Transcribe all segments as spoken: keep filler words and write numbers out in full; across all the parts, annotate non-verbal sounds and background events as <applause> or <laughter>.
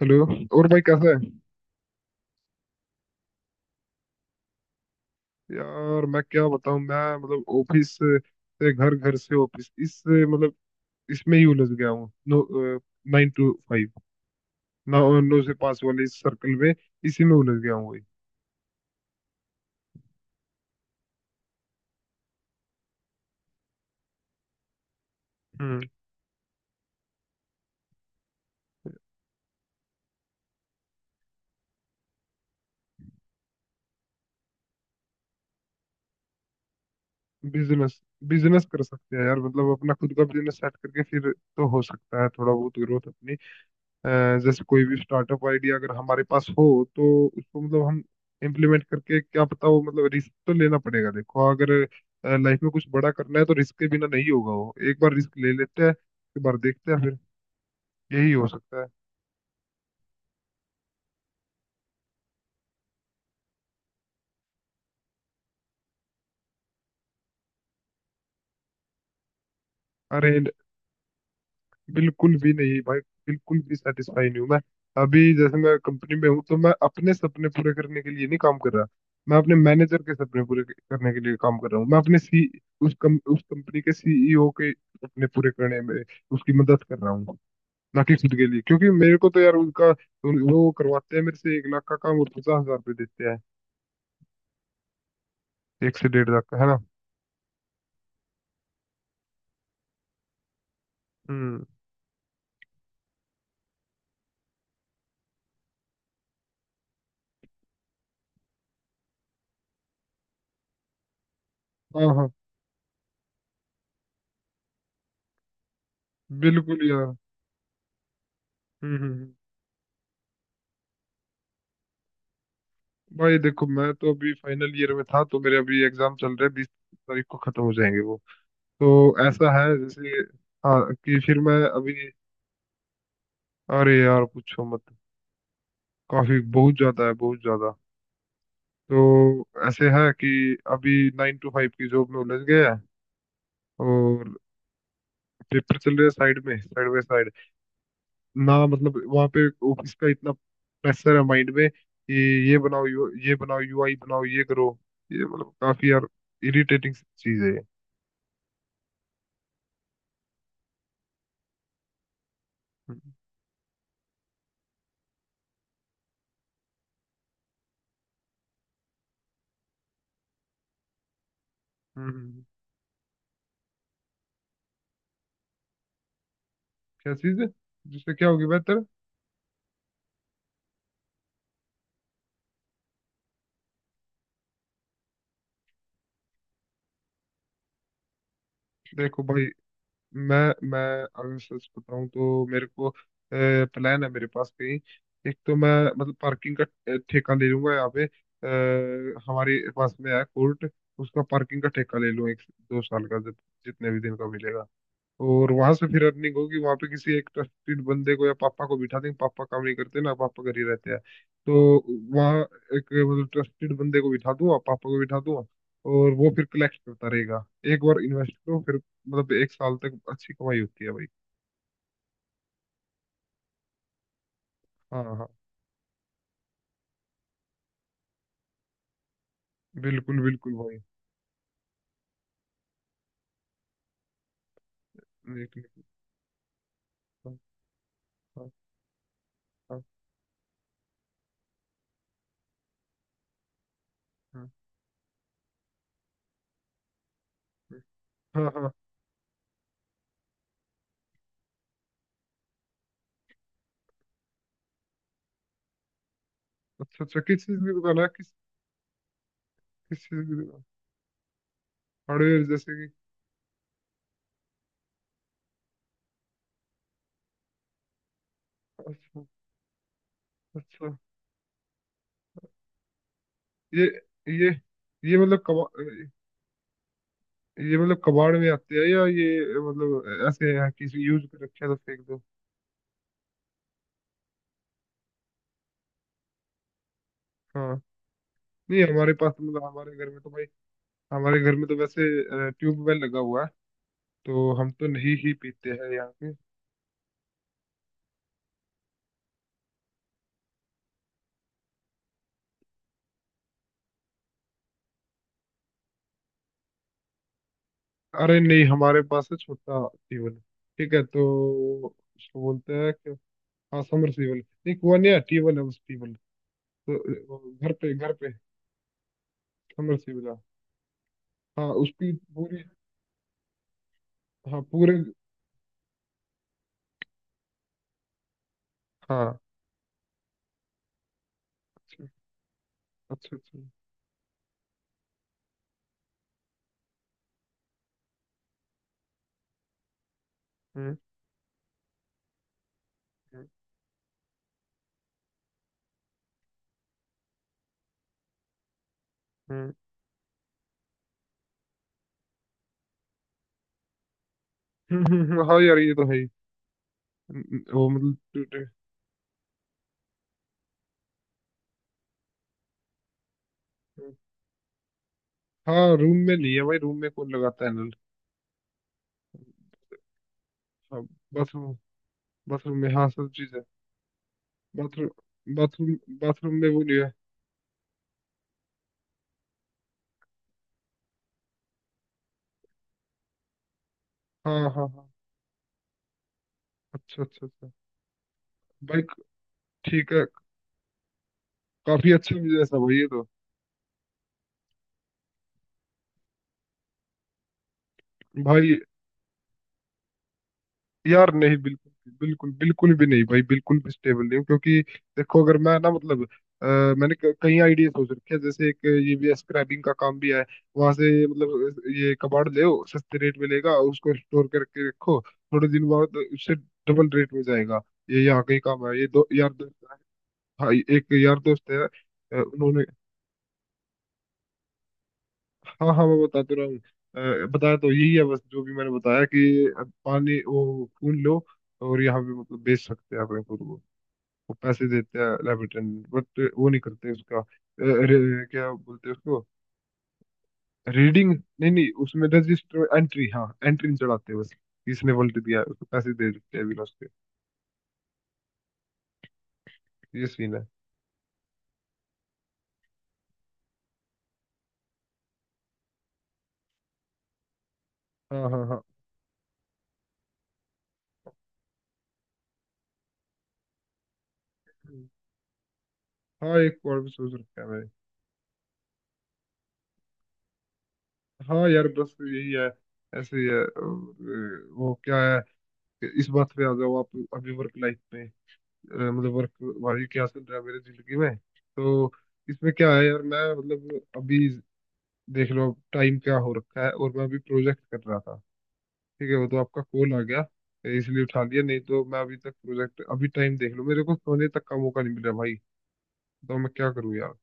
Hello. और भाई कैसा है। यार मैं क्या बताऊं। मैं मतलब ऑफिस से घर, घर से ऑफिस इस मतलब इसमें ही उलझ गया हूँ नो। नाइन टू फाइव, नौ नौ से पाँच वाले इस सर्कल में इसी में उलझ गया हूँ भाई। हम्म। बिजनेस। बिजनेस कर सकते हैं यार, मतलब अपना खुद का बिजनेस सेट करके फिर तो हो सकता है थोड़ा बहुत ग्रोथ अपनी। अ, जैसे कोई भी स्टार्टअप आइडिया अगर हमारे पास हो तो उसको मतलब हम इम्प्लीमेंट करके, क्या पता। वो मतलब रिस्क तो लेना पड़ेगा। देखो अगर लाइफ में कुछ बड़ा करना है तो रिस्क के बिना नहीं होगा। वो एक बार रिस्क ले लेते हैं, एक बार देखते हैं, फिर यही हो सकता है। अरे बिल्कुल भी नहीं भाई, बिल्कुल भी सेटिस्फाई नहीं हूँ मैं। अभी जैसे मैं कंपनी में हूँ तो मैं अपने सपने पूरे करने के लिए नहीं काम कर रहा, मैं अपने मैनेजर के सपने पूरे क- करने के लिए काम कर रहा हूँ। मैं अपने सी उस कम, उस कंपनी के सीईओ के सपने पूरे करने में उसकी मदद कर रहा हूँ, ना कि खुद के लिए। क्योंकि मेरे को तो यार उनका उन- वो करवाते हैं मेरे से एक लाख का काम और पचास हजार रुपये देते हैं। एक से डेढ़ लाख का है ना। हम्म। हाँ हाँ। बिल्कुल यार। हम्म हम्म हम्म। भाई देखो, मैं तो अभी फाइनल ईयर में था, तो मेरे अभी एग्जाम चल रहे हैं, बीस तारीख को खत्म हो जाएंगे वो। तो ऐसा है जैसे, हाँ, कि फिर मैं अभी। अरे यार पूछो मत, काफी बहुत ज्यादा है, बहुत ज्यादा। तो ऐसे है कि अभी नाइन टू फाइव की जॉब में उलझ गए हैं और पेपर चल रहे हैं साइड में, साइड बाय साइड। ना मतलब वहाँ पे ऑफिस का इतना प्रेशर है माइंड में कि ये बनाओ, यू ये बनाओ, यूआई बनाओ, ये करो, ये मतलब काफी यार इरिटेटिंग चीज है ये। हम्म हम्म, हम्म। क्या चीज है जिससे क्या होगी बेहतर। देखो भाई, मैं मैं अगर सच बताऊं तो मेरे को प्लान है मेरे पास कहीं। एक तो मैं मतलब पार्किंग का अ, ठेका ले लूंगा यहाँ पे। अ, हमारे पास में है कोर्ट, उसका पार्किंग का ठेका ले लूं एक दो साल का, जब जितने भी दिन का मिलेगा। और वहां से फिर अर्निंग होगी, वहां पे किसी एक ट्रस्टेड बंदे को या पापा को बिठा देंगे। पापा काम नहीं करते ना, पापा घर ही रहते हैं। तो वहाँ एक मतलब ट्रस्टेड बंदे को बिठा दूंगा, पापा को बिठा दूंगा, और वो फिर कलेक्ट करता रहेगा। एक बार इन्वेस्ट करो, फिर मतलब एक साल तक अच्छी कमाई होती है भाई। हाँ हाँ। बिल्कुल बिल्कुल भाई। एक मिनट, हाँ। हाँ। हाँ, हाँ, हाँ, हाँ। अच्छा अच्छा, किस चीज की दुकान है, किस किस चीज की दुकान? हार्डवेयर जैसे कि? अच्छा अच्छा। ये ये ये मतलब कमा, ये मतलब कबाड़ में आते हैं, या ये मतलब ऐसे है किसी यूज कर रखे हैं तो फेंक दो। हाँ। नहीं हमारे पास तो मतलब हमारे घर में तो भाई, हमारे घर में तो वैसे ट्यूबवेल लगा हुआ है, तो हम तो नहीं ही पीते हैं यहाँ पे। अरे नहीं हमारे पास है छोटा ट्यूबवेल, ठीक है। तो उसको बोलते हैं कि हाँ समरसीबल, नहीं कुआं नहीं है, ट्यूबवेल है बस, ट्यूबवेल। तो वो घर पे, घर पे समरसीबल है। हाँ उसकी पूरी, हाँ पूरे। हाँ। अच्छा अच्छा अच्छा। हम्म हम्म हम्म। <laughs> हम्म, हम्म, हाँ यार ये तो है ही। न- वो मतलब टू- टू- हाँ। रूम में नहीं है भाई, रूम में कौन लगाता है नल। हाँ। बाथरूम, बाथरूम में हाँ सब चीज है। Bathroom bathroom. बाथरूम में वो नहीं है। हाँ हाँ हाँ। अच्छा अच्छा अच्छा। भाई ठीक है। काफी अच्छा बिजनेस है भाई ये तो। भाई यार नहीं, बिल्कुल बिल्कुल बिल्कुल भी नहीं भाई, बिल्कुल भी स्टेबल नहीं हूँ क्योंकि देखो अगर मैं ना मतलब अ, मैंने क- कई आइडिया सोच रखे हैं। जैसे एक ये भी स्क्रैबिंग का काम भी है। वहां से मतलब ये कबाड़ ले आओ, सस्ते रेट में लेगा, और उसको स्टोर करके रखो। थोड़े दिन बाद उससे डबल रेट में जाएगा। ये यहाँ का ही काम है, ये दो यार दोस्त है। हाँ ये- एक यार दोस्त है। अ, उन्होंने, हाँ हाँ मैं बता तो रहा हूँ। अ, बताया तो यही है, बस जो भी मैंने बताया कि पानी वो फूल लो और यहाँ पे मतलब बेच सकते हैं अपने फूल को। वो पैसे देते हैं लैब अटेंडेंट, बट वो नहीं करते उसका अ, रे- क्या बोलते हैं उसको, रीडिंग। नहीं नहीं, उसमें रजिस्टर एंट्री, हाँ, एंट्री नहीं चढ़ाते बस। इसने वोल्ट दिया है, उसको पैसे दे देते हैं, बिना उसके। ये सीन है। हाँ हाँ हाँ। हाँ एक और भी सोच रखा है मैंने। हाँ यार बस यही है, ऐसे ही है। और, अ, वो क्या है कि इस बात पे आ जाओ आप अभी वर्क लाइफ पे। अ, मतलब वर्क भाई क्या चल रहा है मेरी जिंदगी में तो इसमें क्या है यार मैं मतलब अभी देख लो अब टाइम क्या हो रखा है, और मैं अभी प्रोजेक्ट कर रहा था। ठीक है वो तो आपका कॉल आ गया इसलिए उठा लिया, नहीं तो मैं अभी तक प्रोजेक्ट। अभी टाइम देख लो, मेरे को सोने तक का मौका नहीं मिल रहा भाई, तो मैं क्या करूँ यार।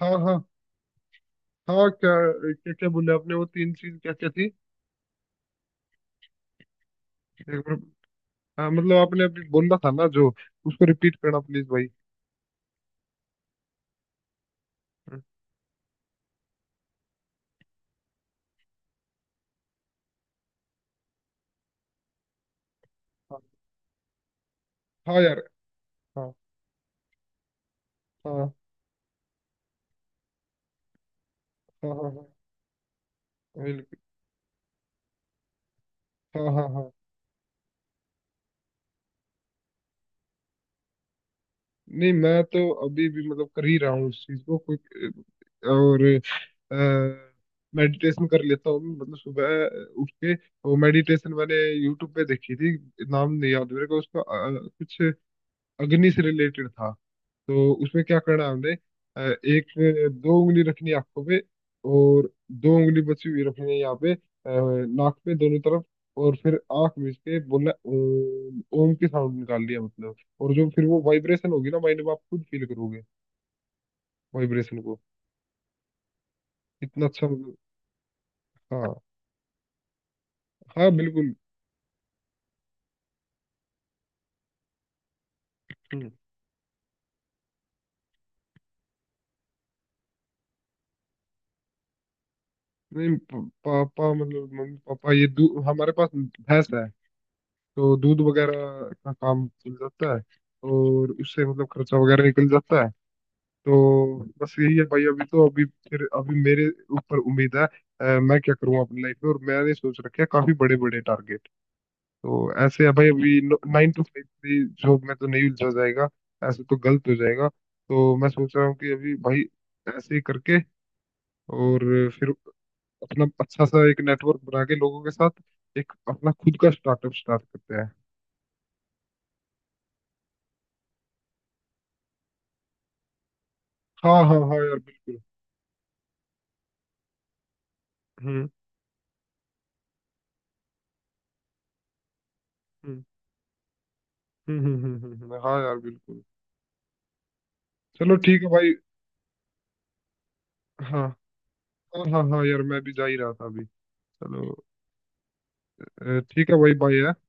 हाँ हाँ हाँ। क्या क्या क्या बोले आपने, वो तीन चीज क्या क्या थी, एक बार। हाँ मतलब आपने अभी बोला था ना जो, उसको रिपीट करना प्लीज भाई। हाँ हाँ यार। हाँ, हाँ हाँ हाँ। हाँ बिल्कुल। हाँ हाँ हाँ। नहीं मैं तो अभी भी मतलब कर ही रहा हूँ उस चीज को, कोई और मेडिटेशन कर लेता हूँ मैं। मतलब सुबह उठ के, वो मेडिटेशन मैंने यूट्यूब पे देखी थी। नाम नहीं याद मेरे को उसका, अ, कुछ अग्नि से रिलेटेड था। तो उसमें क्या करना है हमने, अ, एक दो उंगली रखनी है आंखों पे, और दो उंगली बची हुई रखनी है यहाँ पे अ, नाक पे दोनों तरफ। और फिर आंख मीच के बोलना, ओम ओम की साउंड निकाल लिया मतलब। और जो फिर वो वाइब्रेशन होगी ना माइंड में, आप खुद फील करोगे वाइब्रेशन को, इतना अच्छा मतलब। हाँ हाँ बिल्कुल। हम्म। नहीं प- पापा मतलब मम्मी पापा, ये दूध, हमारे पास भैंस है, तो दूध वगैरह का काम चल जाता है, और उससे मतलब खर्चा वगैरह निकल जाता है। तो बस यही है भाई अभी तो। अभी फिर अभी मेरे ऊपर उम्मीद है, अ, मैं क्या करूँ अपनी लाइफ में। और मैंने सोच रखे हैं काफी बड़े बड़े टारगेट। तो ऐसे है भाई, अभी नाइन टू फाइव की जॉब में तो नहीं उलझा जाएगा, ऐसे तो गलत हो जाएगा। तो मैं सोच रहा हूँ कि अभी भाई ऐसे ही करके और फिर अपना अच्छा सा एक नेटवर्क बना के लोगों के साथ एक अपना खुद का स्टार्टअप स्टार्ट करते हैं। हाँ हाँ हाँ यार बिल्कुल। हम्म हम्म हम्म हम्म हम्म हम्म, हाँ यार बिल्कुल। चलो ठीक है भाई। हाँ, हाँ हाँ हाँ यार, मैं भी जा ही रहा था अभी। चलो अ, ठीक है, वही बाय है।